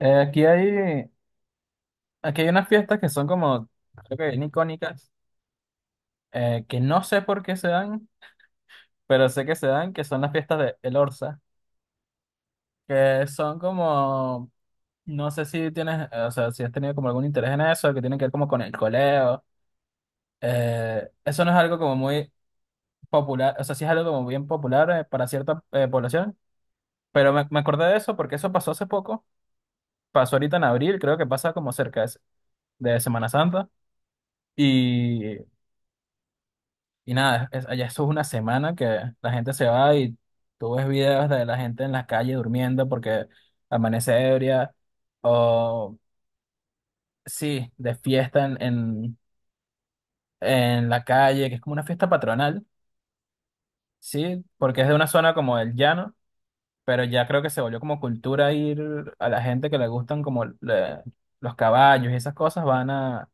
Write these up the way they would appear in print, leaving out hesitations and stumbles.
Eh, aquí hay, aquí hay unas fiestas que son como, creo que bien icónicas, que no sé por qué se dan, pero sé que se dan, que son las fiestas de El Orza, que son como, no sé si tienes, o sea, si has tenido como algún interés en eso, que tienen que ver como con el coleo. Eso no es algo como muy popular, o sea, sí es algo como bien popular para cierta población, pero me acordé de eso porque eso pasó hace poco, pasó ahorita en abril, creo que pasa como cerca de Semana Santa. Y Y nada, allá eso es una semana que la gente se va y tú ves videos de la gente en la calle durmiendo porque amanece ebria o sí, de fiesta en la calle, que es como una fiesta patronal, sí, porque es de una zona como el llano, pero ya creo que se volvió como cultura ir a la gente que le gustan como los caballos y esas cosas,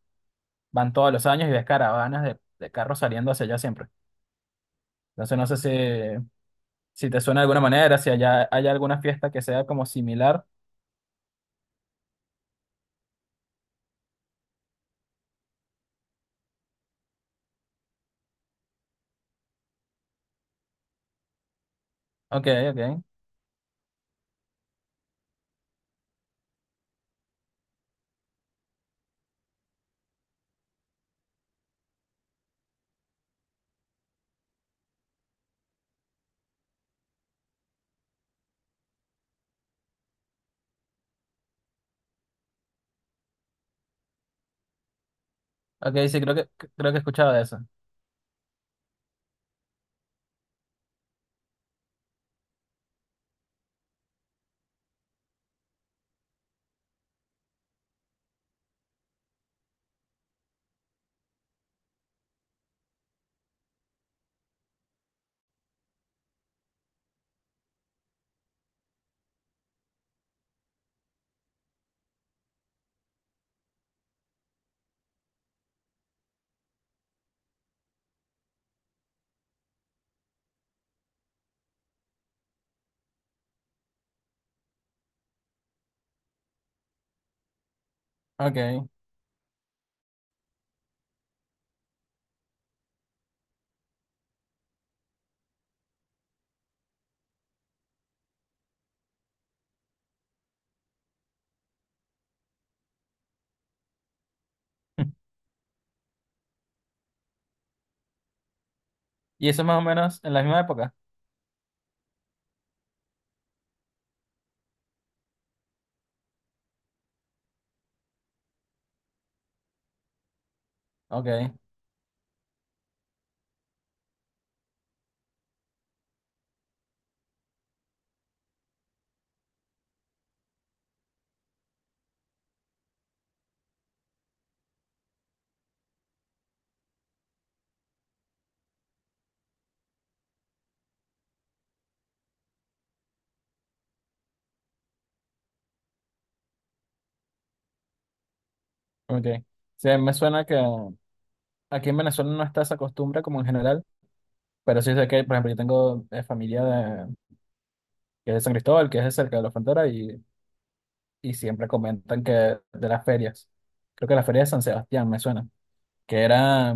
van todos los años y ves caravanas de carros saliendo hacia allá siempre. Entonces no sé si te suena de alguna manera, si hay alguna fiesta que sea como similar. Ok, ok. Ok, sí, creo que he escuchado de eso. Ok. ¿Y eso es más o menos en la misma época? Ok, ok. Sí, me suena que aquí en Venezuela no está esa costumbre como en general, pero sí sé que, por ejemplo, yo tengo familia de, que es de San Cristóbal, que es de cerca de la frontera, y siempre comentan que de las ferias, creo que la feria de San Sebastián me suena, que era,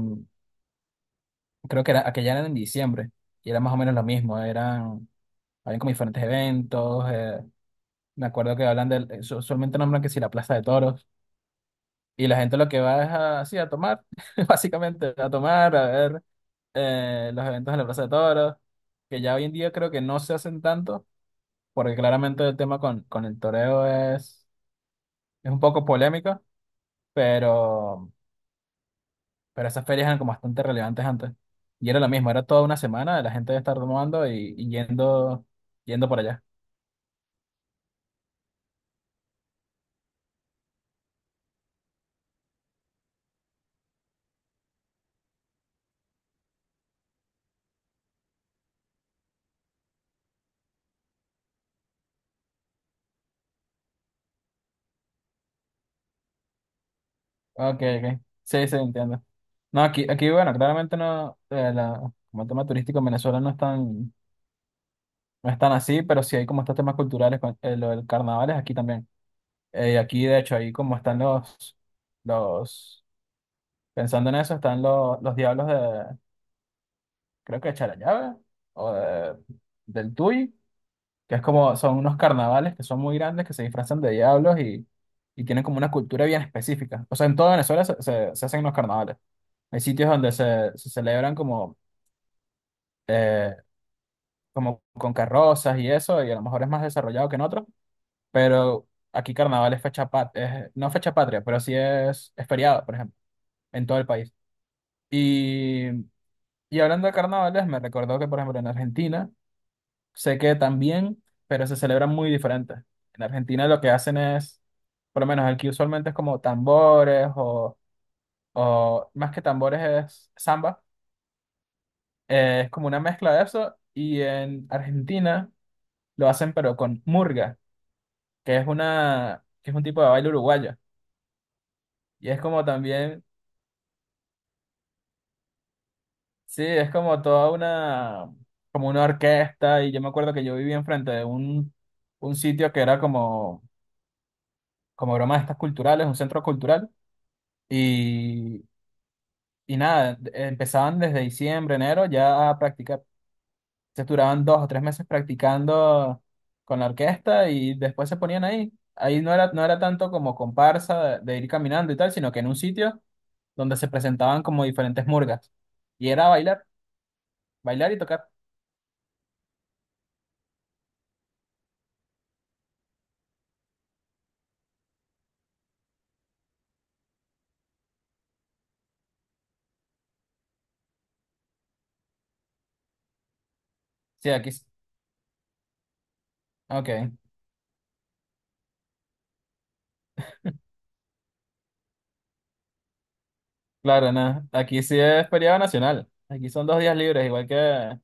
creo que era, aquella era en diciembre, y era más o menos lo mismo, eran hablan como diferentes eventos. Me acuerdo que hablan del, solamente nombran que si la Plaza de Toros. Y la gente lo que va es así a tomar, básicamente, a tomar, a ver los eventos en la Plaza de Toros, que ya hoy en día creo que no se hacen tanto, porque claramente el tema con el toreo es un poco polémico, pero, pero esas ferias eran como bastante relevantes antes. Y era lo mismo, era toda una semana de la gente de estar tomando y yendo por allá. Ok, ok. Sí, sí, entiendo. No, aquí, bueno, claramente no, como el tema turístico en Venezuela no es tan así, pero sí hay como estos temas culturales, lo del carnaval es aquí también. Aquí, de hecho, ahí como los, pensando en eso, están los diablos de, creo que de Charallave, o del Tuy, que es como, son unos carnavales que son muy grandes, que se disfrazan de diablos y tienen como una cultura bien específica. O sea, en toda Venezuela se hacen unos carnavales. Hay sitios donde se celebran eh, como con carrozas y eso, y a lo mejor es más desarrollado que en otros, pero aquí carnaval es fecha patria, no fecha patria, pero sí es feriado, por ejemplo, en todo el país. Y, y hablando de carnavales, me recordó que, por ejemplo, en Argentina, sé que también, pero se celebran muy diferentes. En Argentina lo que hacen es, por lo menos aquí usualmente es como tambores o más que tambores es samba, es como una mezcla de eso, y en Argentina lo hacen pero con murga. Que es un tipo de baile uruguayo. Y es como también, sí, es como una orquesta. Y yo me acuerdo que yo vivía enfrente de un sitio que era como, como bromas estas culturales, un centro cultural. Y, y nada, empezaban desde diciembre, enero ya a practicar. Se duraban 2 o 3 meses practicando con la orquesta y después se ponían ahí. Ahí no era tanto como comparsa de ir caminando y tal, sino que en un sitio donde se presentaban como diferentes murgas. Y era bailar, bailar y tocar. Sí, aquí. Ok, claro, nada. Aquí sí es feriado nacional. Aquí son 2 días libres, igual que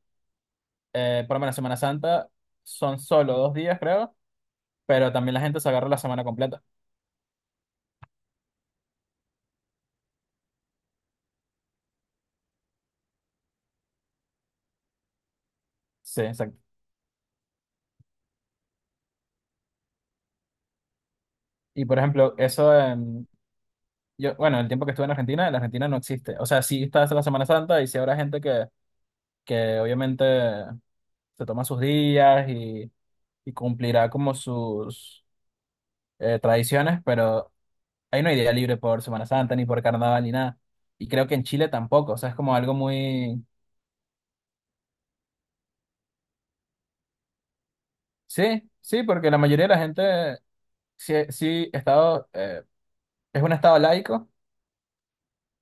por lo menos Semana Santa son solo 2 días, creo, pero también la gente se agarra la semana completa. Sí, exacto. Y por ejemplo, eso, yo, bueno, el tiempo que estuve en Argentina no existe. O sea, sí está la Semana Santa y sí habrá gente que obviamente se toma sus días y cumplirá como sus tradiciones, pero ahí no hay día libre por Semana Santa, ni por carnaval, ni nada. Y creo que en Chile tampoco, o sea, es como algo muy. Sí, sí, porque la mayoría de la gente, sí, sí, estado, es un estado laico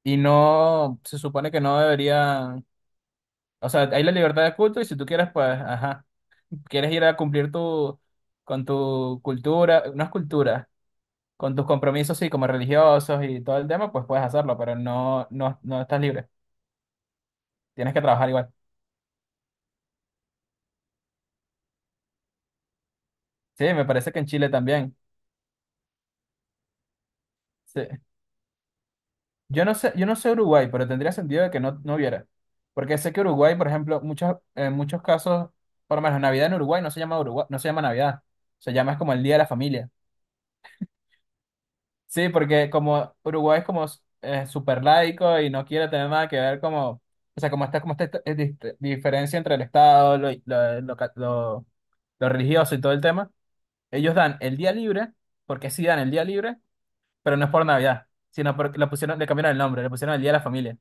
y no, se supone que no debería, o sea, hay la libertad de culto y si tú quieres, pues, ajá, quieres ir a cumplir con tu cultura, no es cultura, con tus compromisos, sí, como religiosos y todo el tema, pues puedes hacerlo, pero no, no, no estás libre, tienes que trabajar igual. Sí, me parece que en Chile también. Sí. Yo no sé Uruguay, pero tendría sentido de que no hubiera. Porque sé que Uruguay, por ejemplo, en muchos casos, por lo menos Navidad en Uruguay no se llama Navidad. Se llama es como el Día de la Familia. Sí, porque como Uruguay es como súper laico y no quiere tener nada que ver como, o sea, como está como esta diferencia entre el Estado, lo religioso y todo el tema, ellos dan el día libre, porque sí dan el día libre, pero no es por Navidad, sino porque le cambiaron el nombre, le pusieron el Día de la Familia.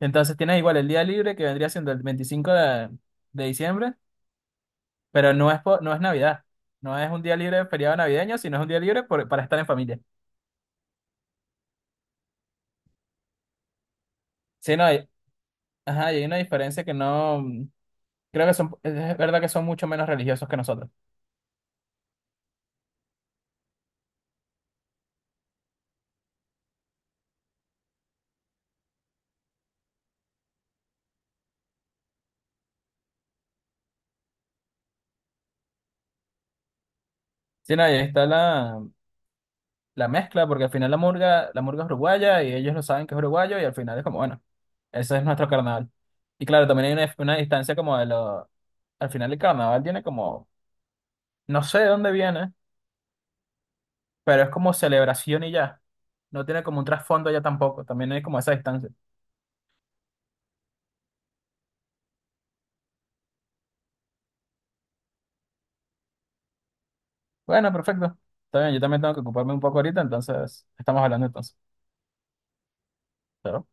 Entonces tienes igual el día libre que vendría siendo el 25 de diciembre, pero no es Navidad. No es un día libre de feriado navideño, sino es un día libre para estar en familia. Sí, no, hay, ajá, y hay una diferencia que no. Creo que es verdad que son mucho menos religiosos que nosotros. Sí, no, y ahí está la mezcla, porque al final la murga es uruguaya y ellos lo saben que es uruguayo y al final es como, bueno, ese es nuestro carnaval. Y claro, también hay una distancia como de lo. Al final el carnaval tiene como, no sé de dónde viene, pero es como celebración y ya. No tiene como un trasfondo ya tampoco, también hay como esa distancia. Bueno, perfecto. Está bien, yo también tengo que ocuparme un poco ahorita, entonces estamos hablando entonces. Chao.